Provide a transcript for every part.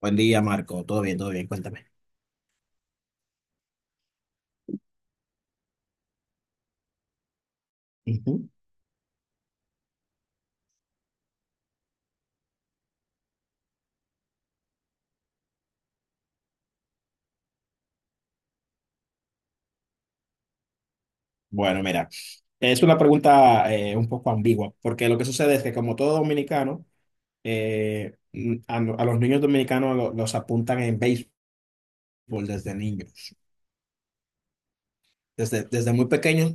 Buen día, Marco. Todo bien, todo bien. Cuéntame. Ujú. Bueno, mira, es una pregunta un poco ambigua, porque lo que sucede es que como todo dominicano, eh, no, a los niños dominicanos los apuntan en béisbol desde niños. Desde muy pequeños,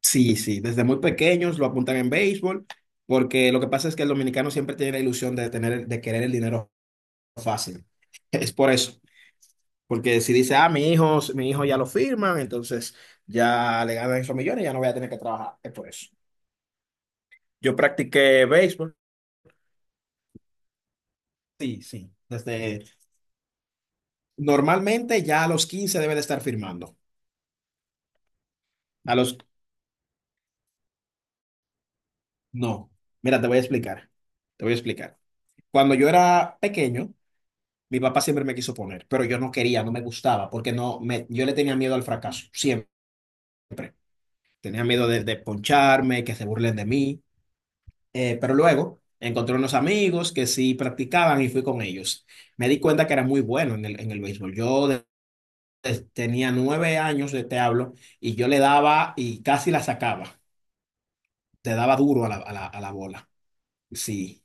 sí, sí, desde muy pequeños lo apuntan en béisbol, porque lo que pasa es que el dominicano siempre tiene la ilusión de tener, de querer el dinero fácil. Es por eso. Porque si dice, ah, mi hijo ya lo firman, entonces ya le ganan esos millones, ya no voy a tener que trabajar. Es por eso. Yo practiqué béisbol. Sí, sí. Normalmente ya a los 15 debe de estar firmando. A los, no. Mira, te voy a explicar. Te voy a explicar. Cuando yo era pequeño, mi papá siempre me quiso poner, pero yo no quería, no me gustaba, porque no me, yo le tenía miedo al fracaso, siempre. Tenía miedo de poncharme, que se burlen de mí. Pero luego encontré unos amigos que sí practicaban y fui con ellos. Me di cuenta que era muy bueno en el béisbol. Yo tenía 9 años, de te hablo, y yo le daba y casi la sacaba. Te daba duro a la bola. Sí,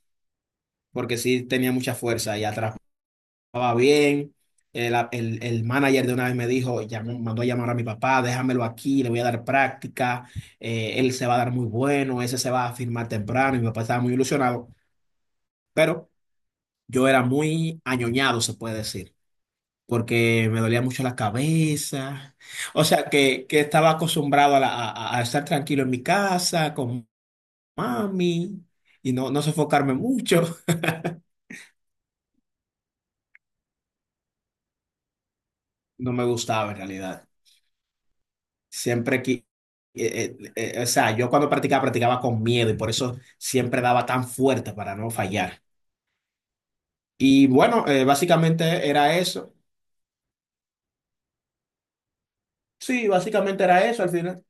porque sí tenía mucha fuerza y atrapaba bien. El manager de una vez me dijo, llamó, mandó a llamar a mi papá, déjamelo aquí, le voy a dar práctica, él se va a dar muy bueno, ese se va a firmar temprano, y mi papá estaba muy ilusionado, pero yo era muy añoñado, se puede decir, porque me dolía mucho la cabeza. O sea, que estaba acostumbrado a estar tranquilo en mi casa, con mami, y no, no sofocarme mucho. No me gustaba en realidad. Siempre que... eh, o sea, yo cuando practicaba, practicaba con miedo y por eso siempre daba tan fuerte para no fallar. Y bueno, básicamente era eso. Sí, básicamente era eso al final.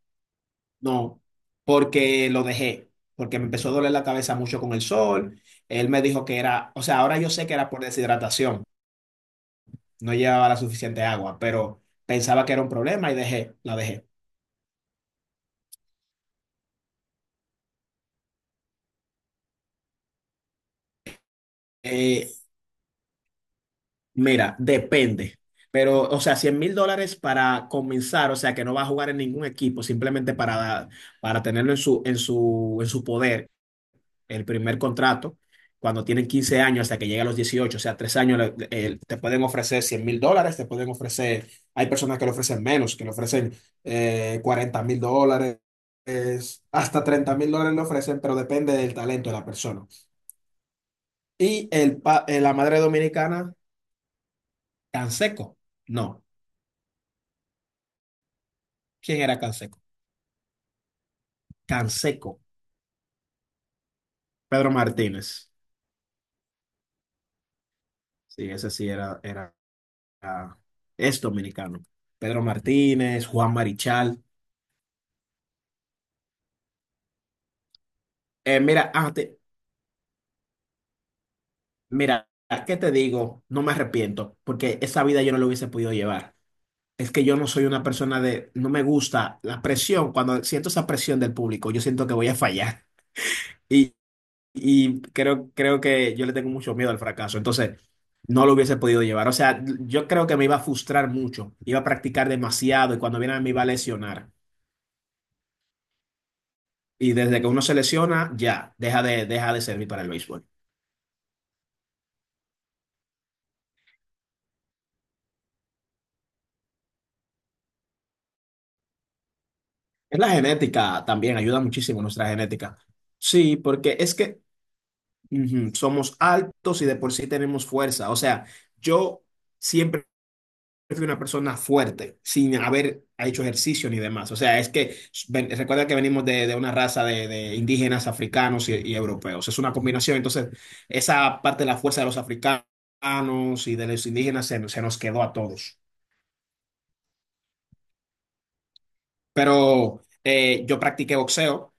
No, porque lo dejé, porque me empezó a doler la cabeza mucho con el sol. Él me dijo que era, o sea, ahora yo sé que era por deshidratación, no llevaba la suficiente agua, pero pensaba que era un problema y dejé, la dejé. Eh, Mira, depende, pero, o sea, $100,000 para comenzar, o sea, que no va a jugar en ningún equipo, simplemente para tenerlo en su poder el primer contrato, cuando tienen 15 años hasta que llega a los 18, o sea, 3 años, te pueden ofrecer $100,000, te pueden ofrecer, hay personas que le ofrecen menos, que le ofrecen 40 mil dólares, hasta $30,000 le ofrecen, pero depende del talento de la persona. Y la madre dominicana, Canseco. No, ¿quién era Canseco? Canseco, Pedro Martínez, sí, ese sí era- es dominicano. Pedro Martínez, Juan Marichal. Mira, mira, ¿qué te digo? No me arrepiento, porque esa vida yo no la hubiese podido llevar. Es que yo no soy una persona de, no me gusta la presión. Cuando siento esa presión del público, yo siento que voy a fallar. Y, y creo que yo le tengo mucho miedo al fracaso. Entonces, no lo hubiese podido llevar. O sea, yo creo que me iba a frustrar mucho. Iba a practicar demasiado y cuando viera me iba a lesionar. Y desde que uno se lesiona, ya, deja de servir para el béisbol. Es la genética también, ayuda muchísimo nuestra genética. Sí, porque es que, ujú, somos altos y de por sí tenemos fuerza. O sea, yo siempre fui una persona fuerte, sin haber hecho ejercicio ni demás. O sea, es que recuerda que venimos de una raza de indígenas africanos y europeos. Es una combinación. Entonces, esa parte de la fuerza de los africanos y de los indígenas se nos quedó a todos. Pero yo practiqué boxeo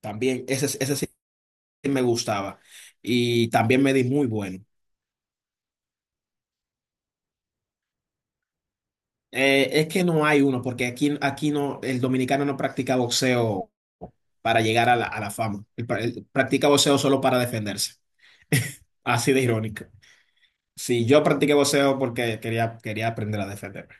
también. Ese sí me gustaba. Y también me di muy bueno. Es que no hay uno, porque aquí no, el dominicano no practica boxeo para llegar a la fama. Él practica boxeo solo para defenderse. Así de irónico. Sí, yo practiqué boxeo porque quería aprender a defenderme.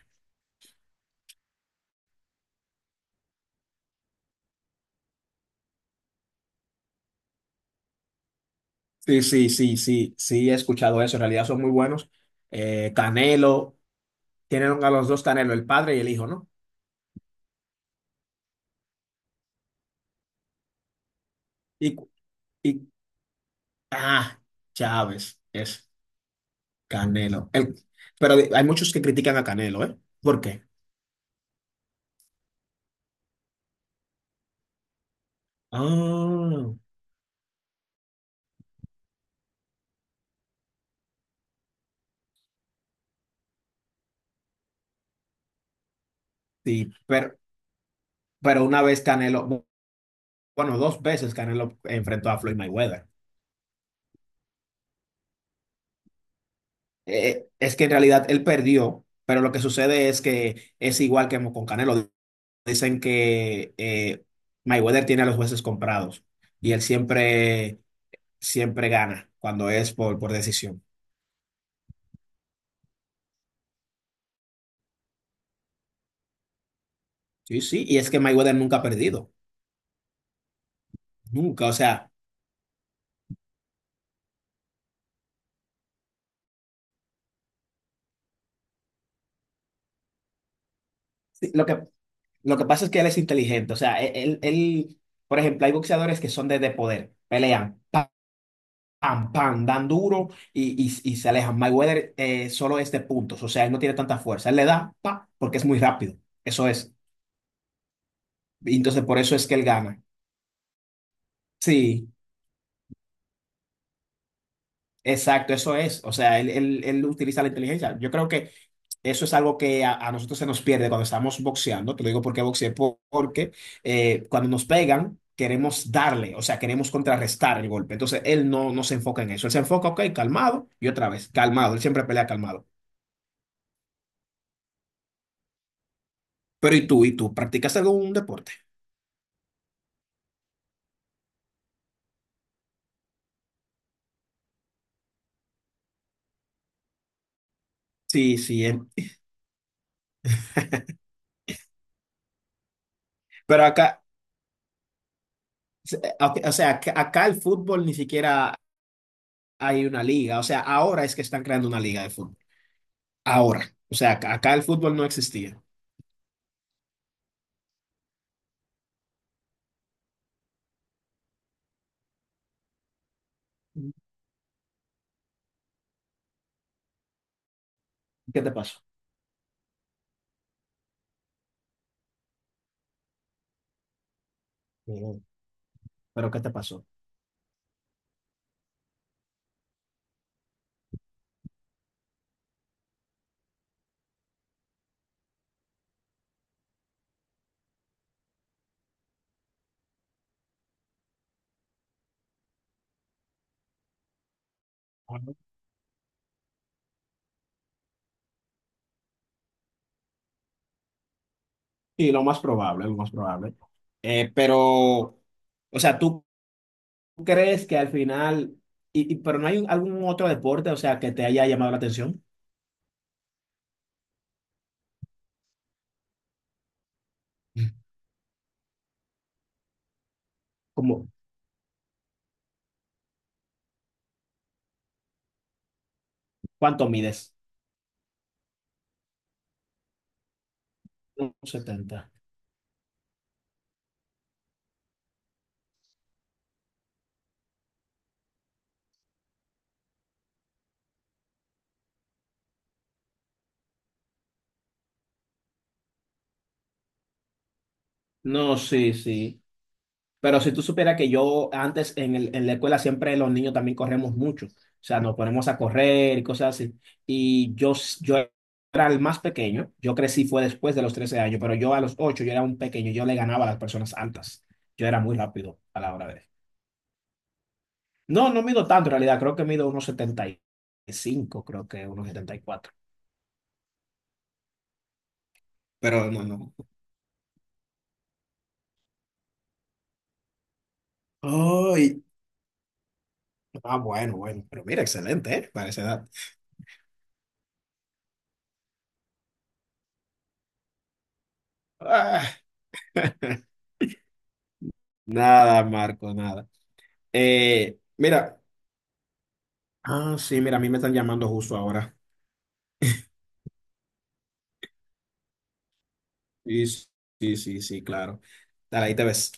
Sí, sí, sí, sí, sí, he escuchado eso. En realidad son muy buenos. Canelo, tienen a los dos Canelo, el padre y el hijo, ¿no? Y, y ah, Chávez es Canelo. Pero hay muchos que critican a Canelo, ¿eh? ¿Por qué? Ah. Sí, pero una vez Canelo, bueno, dos veces Canelo enfrentó a Floyd Mayweather. Es que en realidad él perdió, pero lo que sucede es que es igual que con Canelo. Dicen que Mayweather tiene a los jueces comprados y él siempre gana cuando es por decisión. Sí, sí, y es que Mayweather nunca ha perdido, nunca. O sea, sí, lo que pasa es que él es inteligente. O sea, él, por ejemplo, hay boxeadores que son de poder, pelean. Pam, pam, dan duro y se alejan. Mayweather solo es de puntos, o sea, él no tiene tanta fuerza. Él le da, pa, porque es muy rápido. Eso es. Y entonces, por eso es que él gana. Sí, exacto, eso es. O sea, él utiliza la inteligencia. Yo creo que eso es algo que a nosotros se nos pierde cuando estamos boxeando. Te lo digo porque boxeé, porque cuando nos pegan, queremos darle, o sea, queremos contrarrestar el golpe. Entonces, él no, no se enfoca en eso. Él se enfoca, ok, calmado, y otra vez, calmado. Él siempre pelea calmado. Pero ¿y tú? ¿Y tú? ¿Practicas algún deporte? Sí, sí. Pero acá, o sea, acá el fútbol ni siquiera hay una liga. O sea, ahora es que están creando una liga de fútbol. Ahora. O sea, acá el fútbol no existía. ¿Qué te pasó? Mm. ¿Pero qué te pasó? Y lo más probable, lo más probable. Pero, o sea, ¿tú crees que al final, pero no hay algún otro deporte, o sea, que te haya llamado la atención? Como, ¿cuánto mides? 1,70. No, sí, sí. Pero si tú supieras que yo antes en la escuela siempre los niños también corremos mucho, o sea, nos ponemos a correr y cosas así. Y yo era el más pequeño, yo crecí fue después de los 13 años, pero yo a los 8 yo era un pequeño, yo le ganaba a las personas altas, yo era muy rápido a la hora de... No, no mido tanto en realidad, creo que mido unos 75, creo que unos 74, pero no, no. Ay, ah, bueno, bueno, pero mira, excelente, ¿eh? Para esa edad. Ah, nada, Marco, nada. Mira, sí, mira, a mí me están llamando justo ahora. Sí, sí, sí, sí, claro. Dale, ahí te ves.